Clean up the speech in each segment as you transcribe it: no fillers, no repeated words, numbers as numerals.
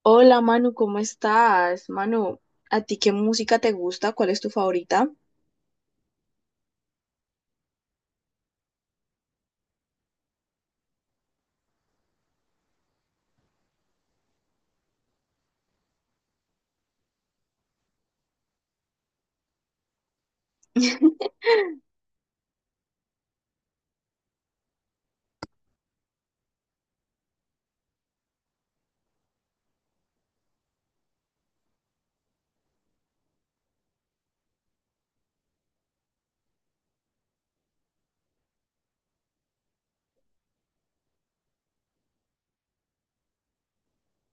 Hola Manu, ¿cómo estás? Manu, ¿a ti qué música te gusta? ¿Cuál es tu favorita?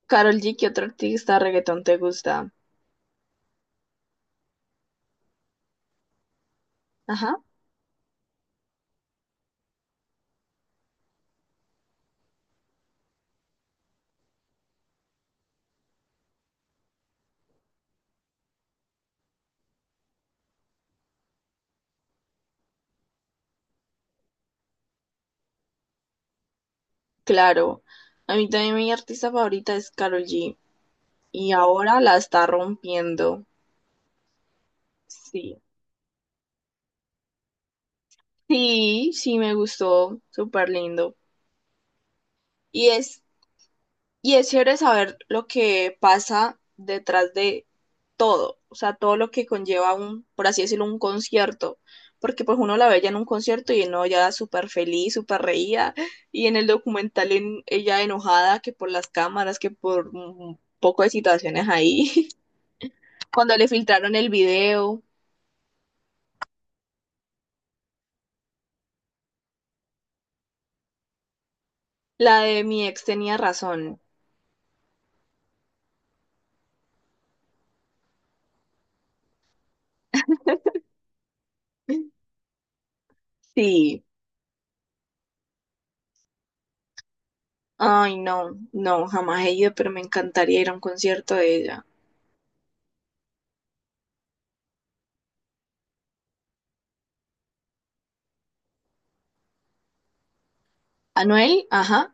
Karol G, ¿qué otro artista de reggaetón te gusta? Ajá, claro. A mí también mi artista favorita es Karol G y ahora la está rompiendo. Sí. Sí, sí me gustó, súper lindo. Y es Y es chévere saber lo que pasa detrás de todo, o sea, todo lo que conlleva un, por así decirlo, un concierto, porque pues uno la ve ya en un concierto y no, ya súper feliz, súper reía, y en el documental ella enojada que por las cámaras, que por un poco de situaciones ahí, cuando le filtraron el video, la de mi ex tenía razón. Sí, ay no, no, jamás he ido, pero me encantaría ir a un concierto de ella. Anuel, ajá.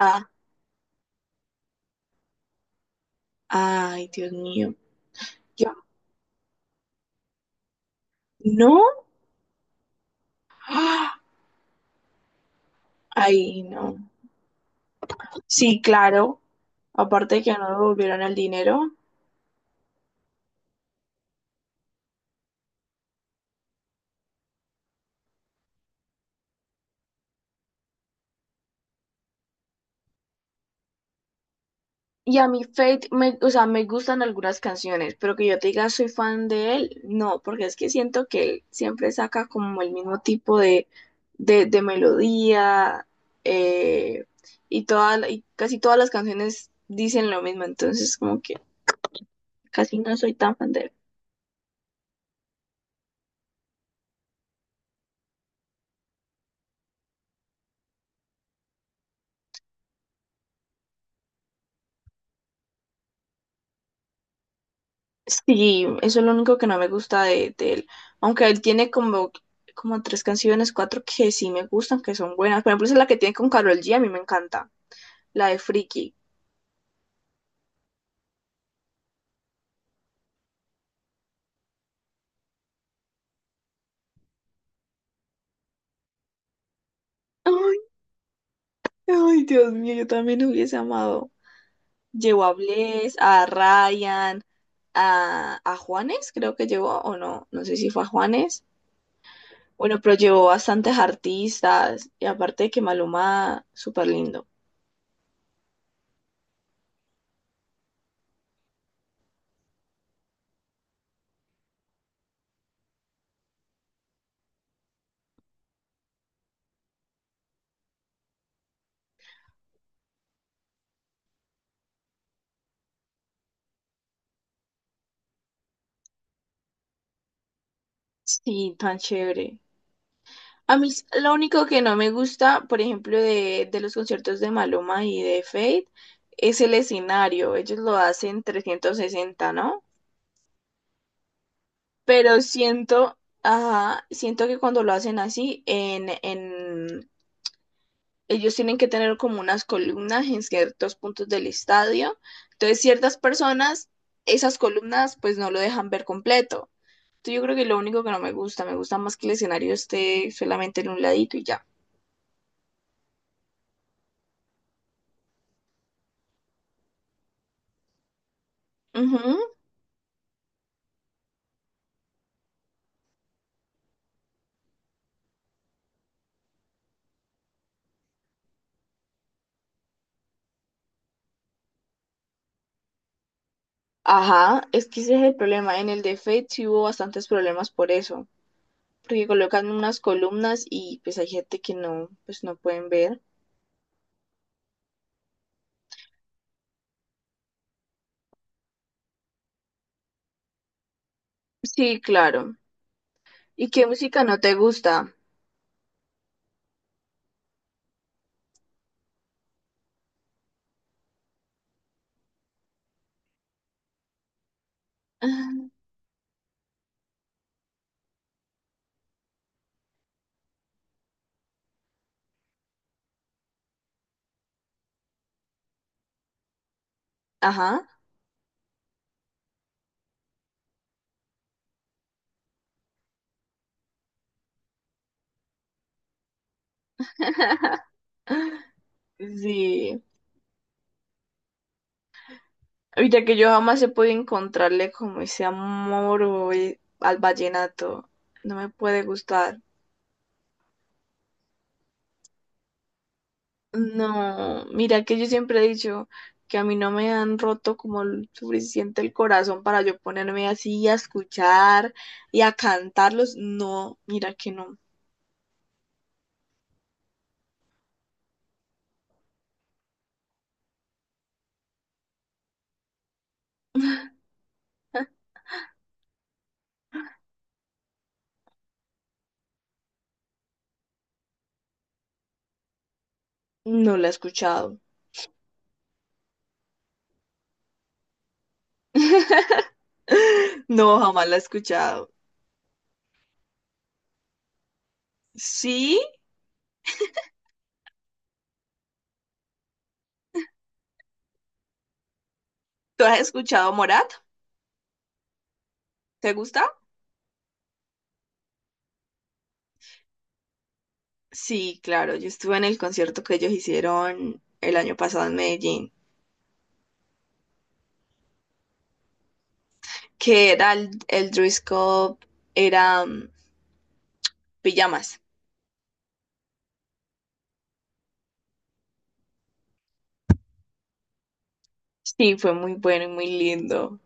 Ay, Dios mío. Yo, ¿no? ¡Ah! Ay, no. Sí, claro. Aparte que no me devolvieron el dinero. Y a mí Fate, me, o sea, me gustan algunas canciones, pero que yo te diga soy fan de él, no, porque es que siento que él siempre saca como el mismo tipo de, de melodía, eh, y casi todas las canciones dicen lo mismo, entonces como que casi no soy tan fan de él. Sí, eso es lo único que no me gusta de él. Aunque él tiene como, como tres canciones, cuatro que sí me gustan, que son buenas. Por ejemplo, esa es la que tiene con Karol G, a mí me encanta. La de Friki. Ay, ay, Dios mío, yo también hubiese amado. Llevó a Bless, a Ryan, a Juanes, creo que llevó, o no, no sé si fue a Juanes. Bueno, pero llevó bastantes artistas. Y aparte de que Maluma, súper lindo. Sí, tan chévere. A mí lo único que no me gusta, por ejemplo, de los conciertos de Maluma y de Fate, es el escenario. Ellos lo hacen 360, ¿no? Pero siento, ajá, siento que cuando lo hacen así, ellos tienen que tener como unas columnas en ciertos puntos del estadio. Entonces, ciertas personas, esas columnas, pues no lo dejan ver completo. Entonces, yo creo que lo único que no me gusta, me gusta más que el escenario esté solamente en un ladito y ya. Ajá, es que ese es el problema. En el de Fate sí hubo bastantes problemas por eso, porque colocan unas columnas y pues hay gente que no, pues no pueden ver. Sí, claro. ¿Y qué música no te gusta? Ajá. Sí. Ahorita que yo jamás he podido encontrarle como ese amor o al vallenato. No me puede gustar. No, mira que yo siempre he dicho que a mí no me han roto como el suficiente el corazón para yo ponerme así a escuchar y a cantarlos. No, mira que no, no la he escuchado. No, jamás la he escuchado. Sí, ¿tú has escuchado Morat? ¿Te gusta? Sí, claro, yo estuve en el concierto que ellos hicieron el año pasado en Medellín, que era el Drew Scott, era Pijamas. Sí, fue muy bueno y muy lindo.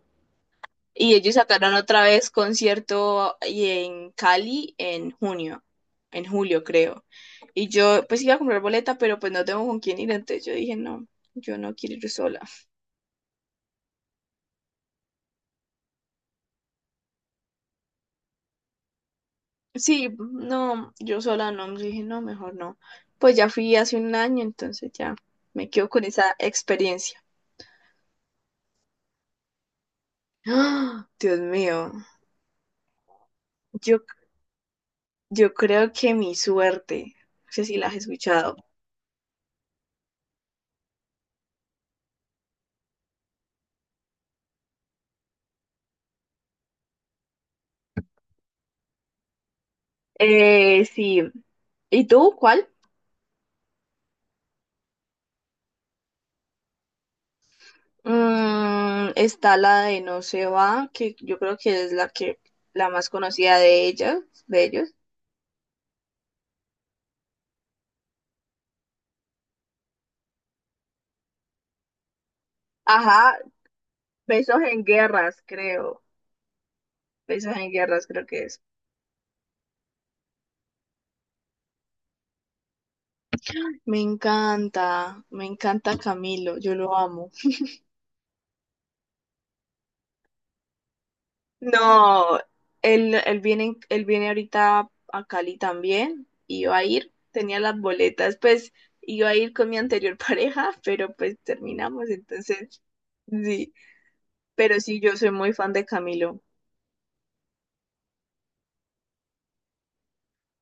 Y ellos sacaron otra vez concierto y en Cali en junio, en julio creo. Y yo pues iba a comprar boleta, pero pues no tengo con quién ir, entonces yo dije, no, yo no quiero ir sola. Sí, no, yo sola no, yo dije, no, mejor no. Pues ya fui hace un año, entonces ya me quedo con esa experiencia. ¡Ah! Dios mío, yo, yo creo que mi suerte, no sé si la has escuchado. Sí. ¿Y tú cuál? Está la de No se va, que yo creo que es la que la más conocida de ellas, de ellos. Ajá, Besos en Guerras, creo. Besos en Guerras, creo que es. Me encanta Camilo, yo lo amo. No, él viene ahorita a Cali también, iba a ir, tenía las boletas, pues iba a ir con mi anterior pareja, pero pues terminamos, entonces, sí, pero sí, yo soy muy fan de Camilo.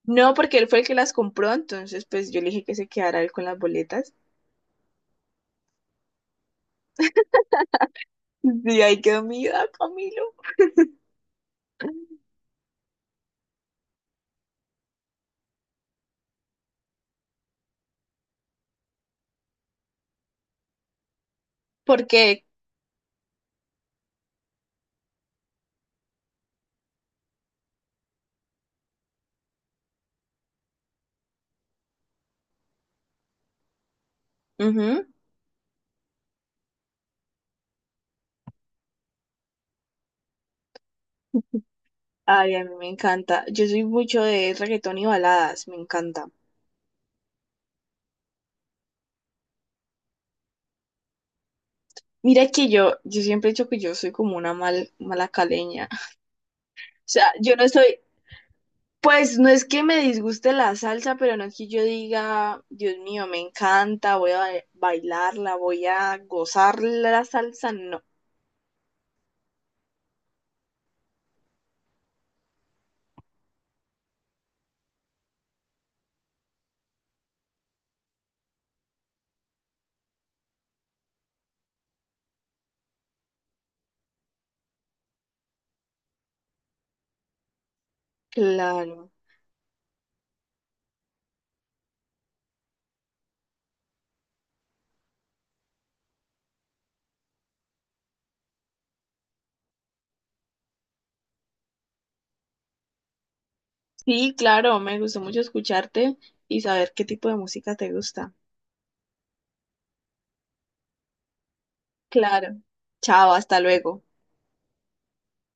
No, porque él fue el que las compró, entonces pues yo le dije que se quedara él con las boletas. Y ahí quedó mi vida, Camilo. Porque, ujú, ay, a mí me encanta. Yo soy mucho de reggaetón y baladas, me encanta. Mira que yo siempre he dicho que yo soy como una mala caleña. O sea, yo no estoy, pues no es que me disguste la salsa, pero no es que yo diga, Dios mío, me encanta, voy a bailarla, voy a gozar la salsa. No, claro. Sí, claro, me gustó mucho escucharte y saber qué tipo de música te gusta. Claro. Chao, hasta luego.